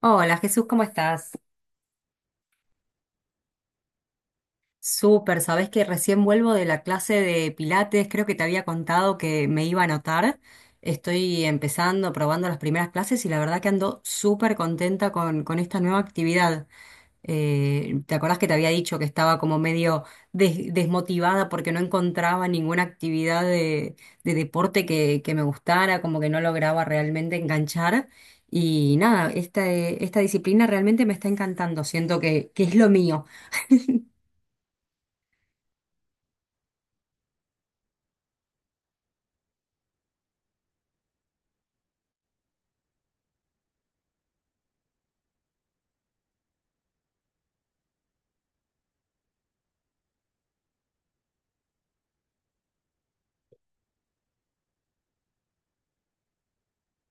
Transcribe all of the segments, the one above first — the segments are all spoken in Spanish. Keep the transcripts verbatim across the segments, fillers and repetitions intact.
Hola Jesús, ¿cómo estás? Súper, sabés que recién vuelvo de la clase de Pilates, creo que te había contado que me iba a anotar. Estoy empezando, probando las primeras clases y la verdad que ando súper contenta con, con esta nueva actividad. Eh, ¿te acordás que te había dicho que estaba como medio des- desmotivada porque no encontraba ninguna actividad de, de deporte que, que me gustara, como que no lograba realmente enganchar? Y nada, esta, esta disciplina realmente me está encantando, siento que, que es lo mío.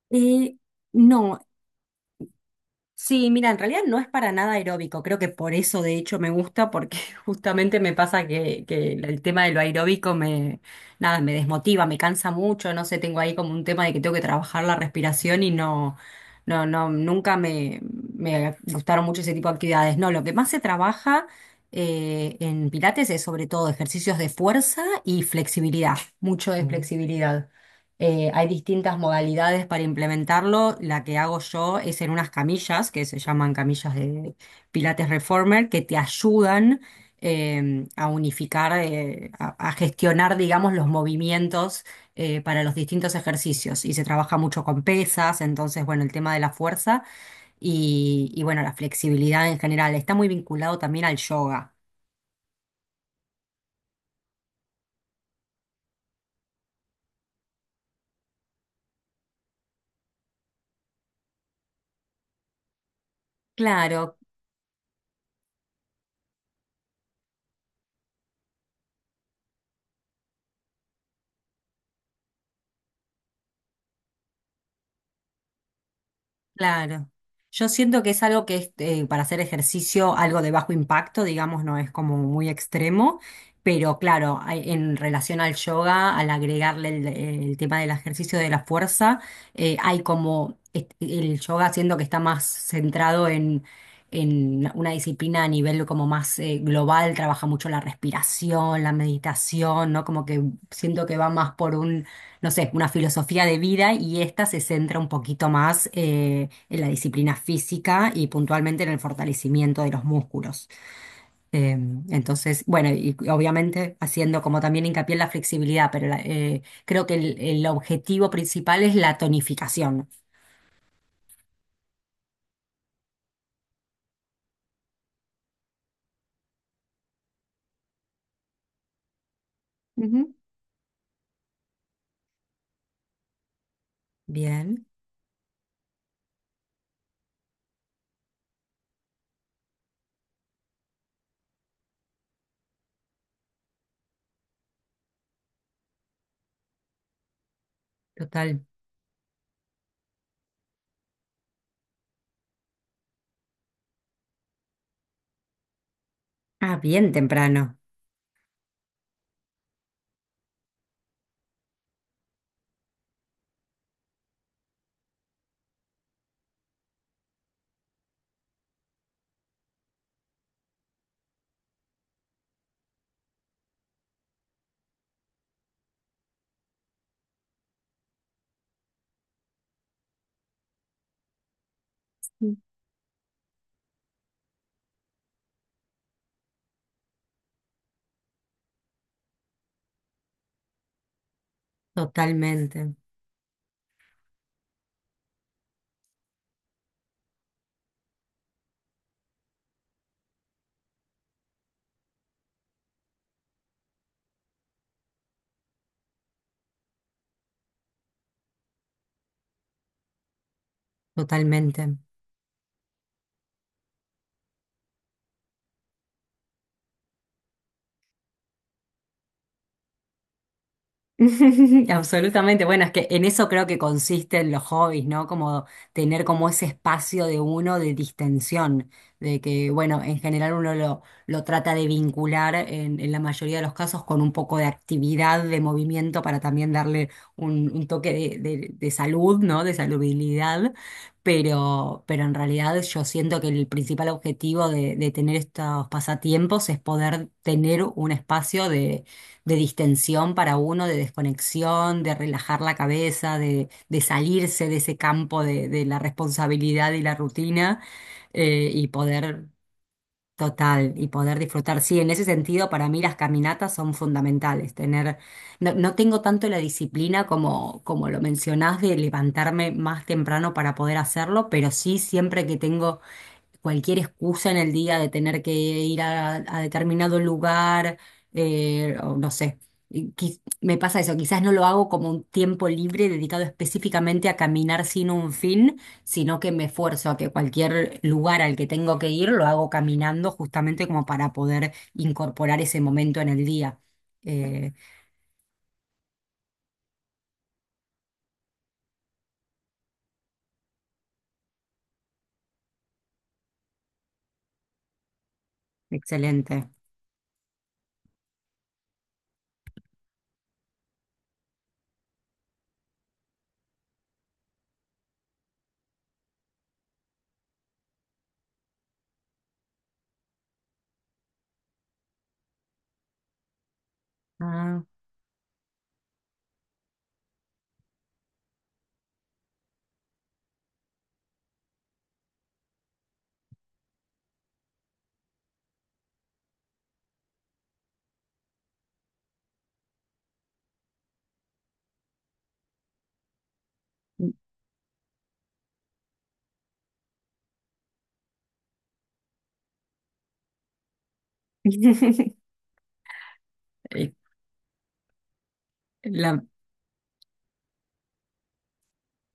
Eh, no, sí, mira, en realidad no es para nada aeróbico, creo que por eso de hecho me gusta, porque justamente me pasa que, que el tema de lo aeróbico me, nada, me desmotiva, me cansa mucho, no sé, tengo ahí como un tema de que tengo que trabajar la respiración y no, no, no, nunca me, me gustaron mucho ese tipo de actividades. No, lo que más se trabaja eh, en Pilates es sobre todo ejercicios de fuerza y flexibilidad, mucho de Mm. flexibilidad. Eh, hay distintas modalidades para implementarlo. La que hago yo es en unas camillas, que se llaman camillas de Pilates Reformer, que te ayudan eh, a unificar, eh, a, a gestionar, digamos, los movimientos eh, para los distintos ejercicios. Y se trabaja mucho con pesas, entonces, bueno, el tema de la fuerza y, y, bueno, la flexibilidad en general. Está muy vinculado también al yoga. Claro, Claro. Yo siento que es algo que es eh, para hacer ejercicio, algo de bajo impacto, digamos, no es como muy extremo, pero claro, hay- en relación al yoga, al agregarle el, el tema del ejercicio de la fuerza, eh, hay como est- el yoga siendo que está más centrado en, en una disciplina a nivel como más eh, global, trabaja mucho la respiración, la meditación, ¿no? Como que siento que va más por un no sé, una filosofía de vida y esta se centra un poquito más eh, en la disciplina física y puntualmente en el fortalecimiento de los músculos. Eh, entonces, bueno, y obviamente haciendo como también hincapié en la flexibilidad, pero la- eh, creo que el, el objetivo principal es la tonificación. Ujú. Bien, total. Ah, bien temprano. Totalmente, totalmente. Absolutamente, bueno, es que en eso creo que consisten los hobbies, ¿no? Como tener como ese espacio de uno de distensión, de que, bueno, en general uno lo, lo trata de vincular en, en la mayoría de los casos con un poco de actividad, de movimiento para también darle un, un toque de, de- de salud, ¿no? De saludabilidad, pero, pero en realidad yo siento que el principal objetivo de, de tener estos pasatiempos es poder tener un espacio de distensión para uno, de desconexión, de relajar la cabeza, de, de salirse de ese campo de, de la responsabilidad y la rutina eh, y poder total y poder disfrutar. Sí, en ese sentido para mí las caminatas son fundamentales. Tener, no, no tengo tanto la disciplina como, como lo mencionás de levantarme más temprano para poder hacerlo, pero sí siempre que tengo cualquier excusa en el día de tener que ir a, a determinado lugar, eh, o no sé. Y qui- Me pasa eso, quizás no lo hago como un tiempo libre dedicado específicamente a caminar sin un fin, sino que me esfuerzo a que cualquier lugar al que tengo que ir lo hago caminando justamente como para poder incorporar ese momento en el día. Eh, excelente. Ah. La-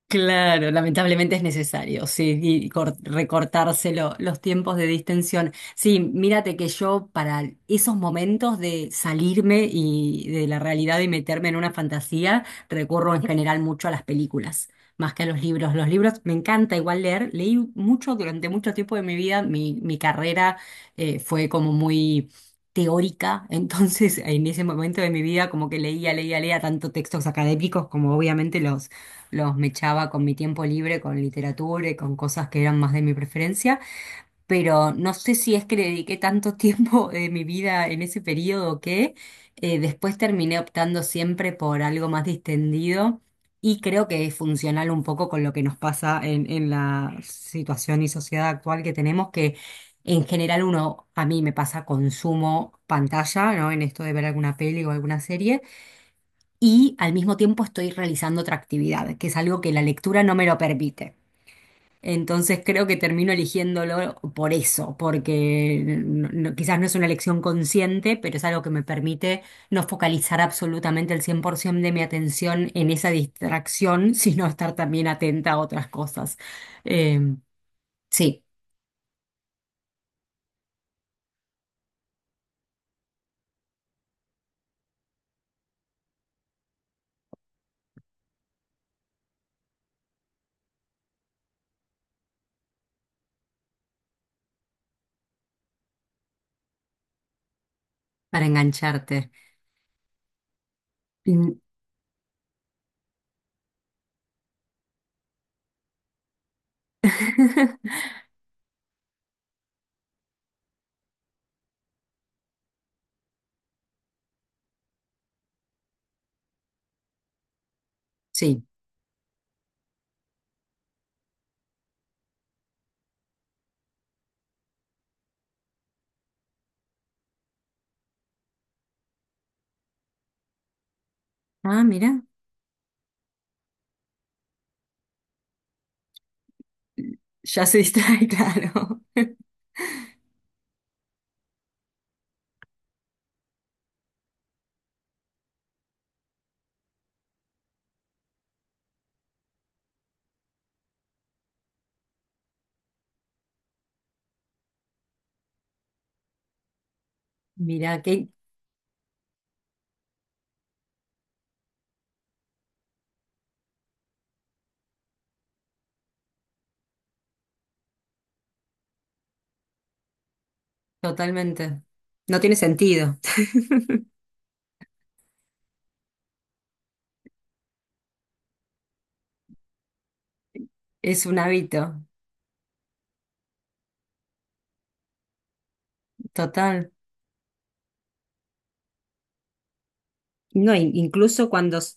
Claro, lamentablemente es necesario, sí, y cor- recortarse lo- los tiempos de distensión. Sí, mírate que yo para esos momentos de salirme y de la realidad y meterme en una fantasía, recurro en general mucho a las películas, más que a los libros. Los libros me encanta igual leer, leí mucho durante mucho tiempo de mi vida, mi, mi carrera eh, fue como muy teórica, entonces en ese momento de mi vida como que leía, leía, leía tanto textos académicos como obviamente los los mechaba con mi tiempo libre, con literatura y con cosas que eran más de mi preferencia, pero no sé si es que le dediqué tanto tiempo de mi vida en ese periodo que eh, después terminé optando siempre por algo más distendido y creo que es funcional un poco con lo que nos pasa en, en la situación y sociedad actual que tenemos, que en general uno, a mí me pasa consumo pantalla, ¿no? En esto de ver alguna peli o alguna serie y al mismo tiempo estoy realizando otra actividad, que es algo que la lectura no me lo permite. Entonces creo que termino eligiéndolo por eso, porque no- no- quizás no es una elección consciente, pero es algo que me permite no focalizar absolutamente el cien por ciento de mi atención en esa distracción, sino estar también atenta a otras cosas. Em, sí, para engancharte. Mm. Sí. Ah, mira, ya se distrae, claro. Mira, qué, totalmente. No tiene sentido. Es un hábito, total. No, in- incluso cuando, s-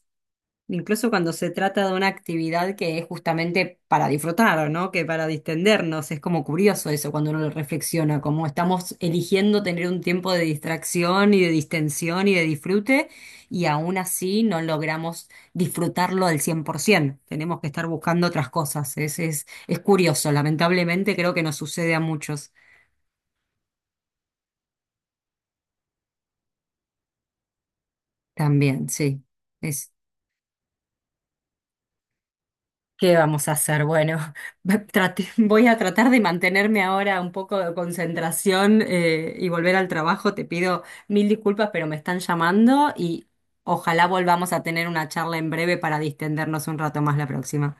incluso cuando se trata de una actividad que es justamente para disfrutar, ¿no? Que para distendernos. Es como curioso eso cuando uno lo reflexiona, como estamos eligiendo tener un tiempo de distracción y de distensión y de disfrute, y aún así no logramos disfrutarlo al cien por ciento. Tenemos que estar buscando otras cosas. Es, es, es curioso. Lamentablemente creo que nos sucede a muchos. También, sí. Es, ¿qué vamos a hacer? Bueno, trate- voy a tratar de mantenerme ahora un poco de concentración eh, y volver al trabajo. Te pido mil disculpas, pero me están llamando y ojalá volvamos a tener una charla en breve para distendernos un rato más la próxima.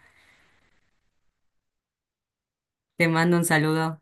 Te mando un saludo.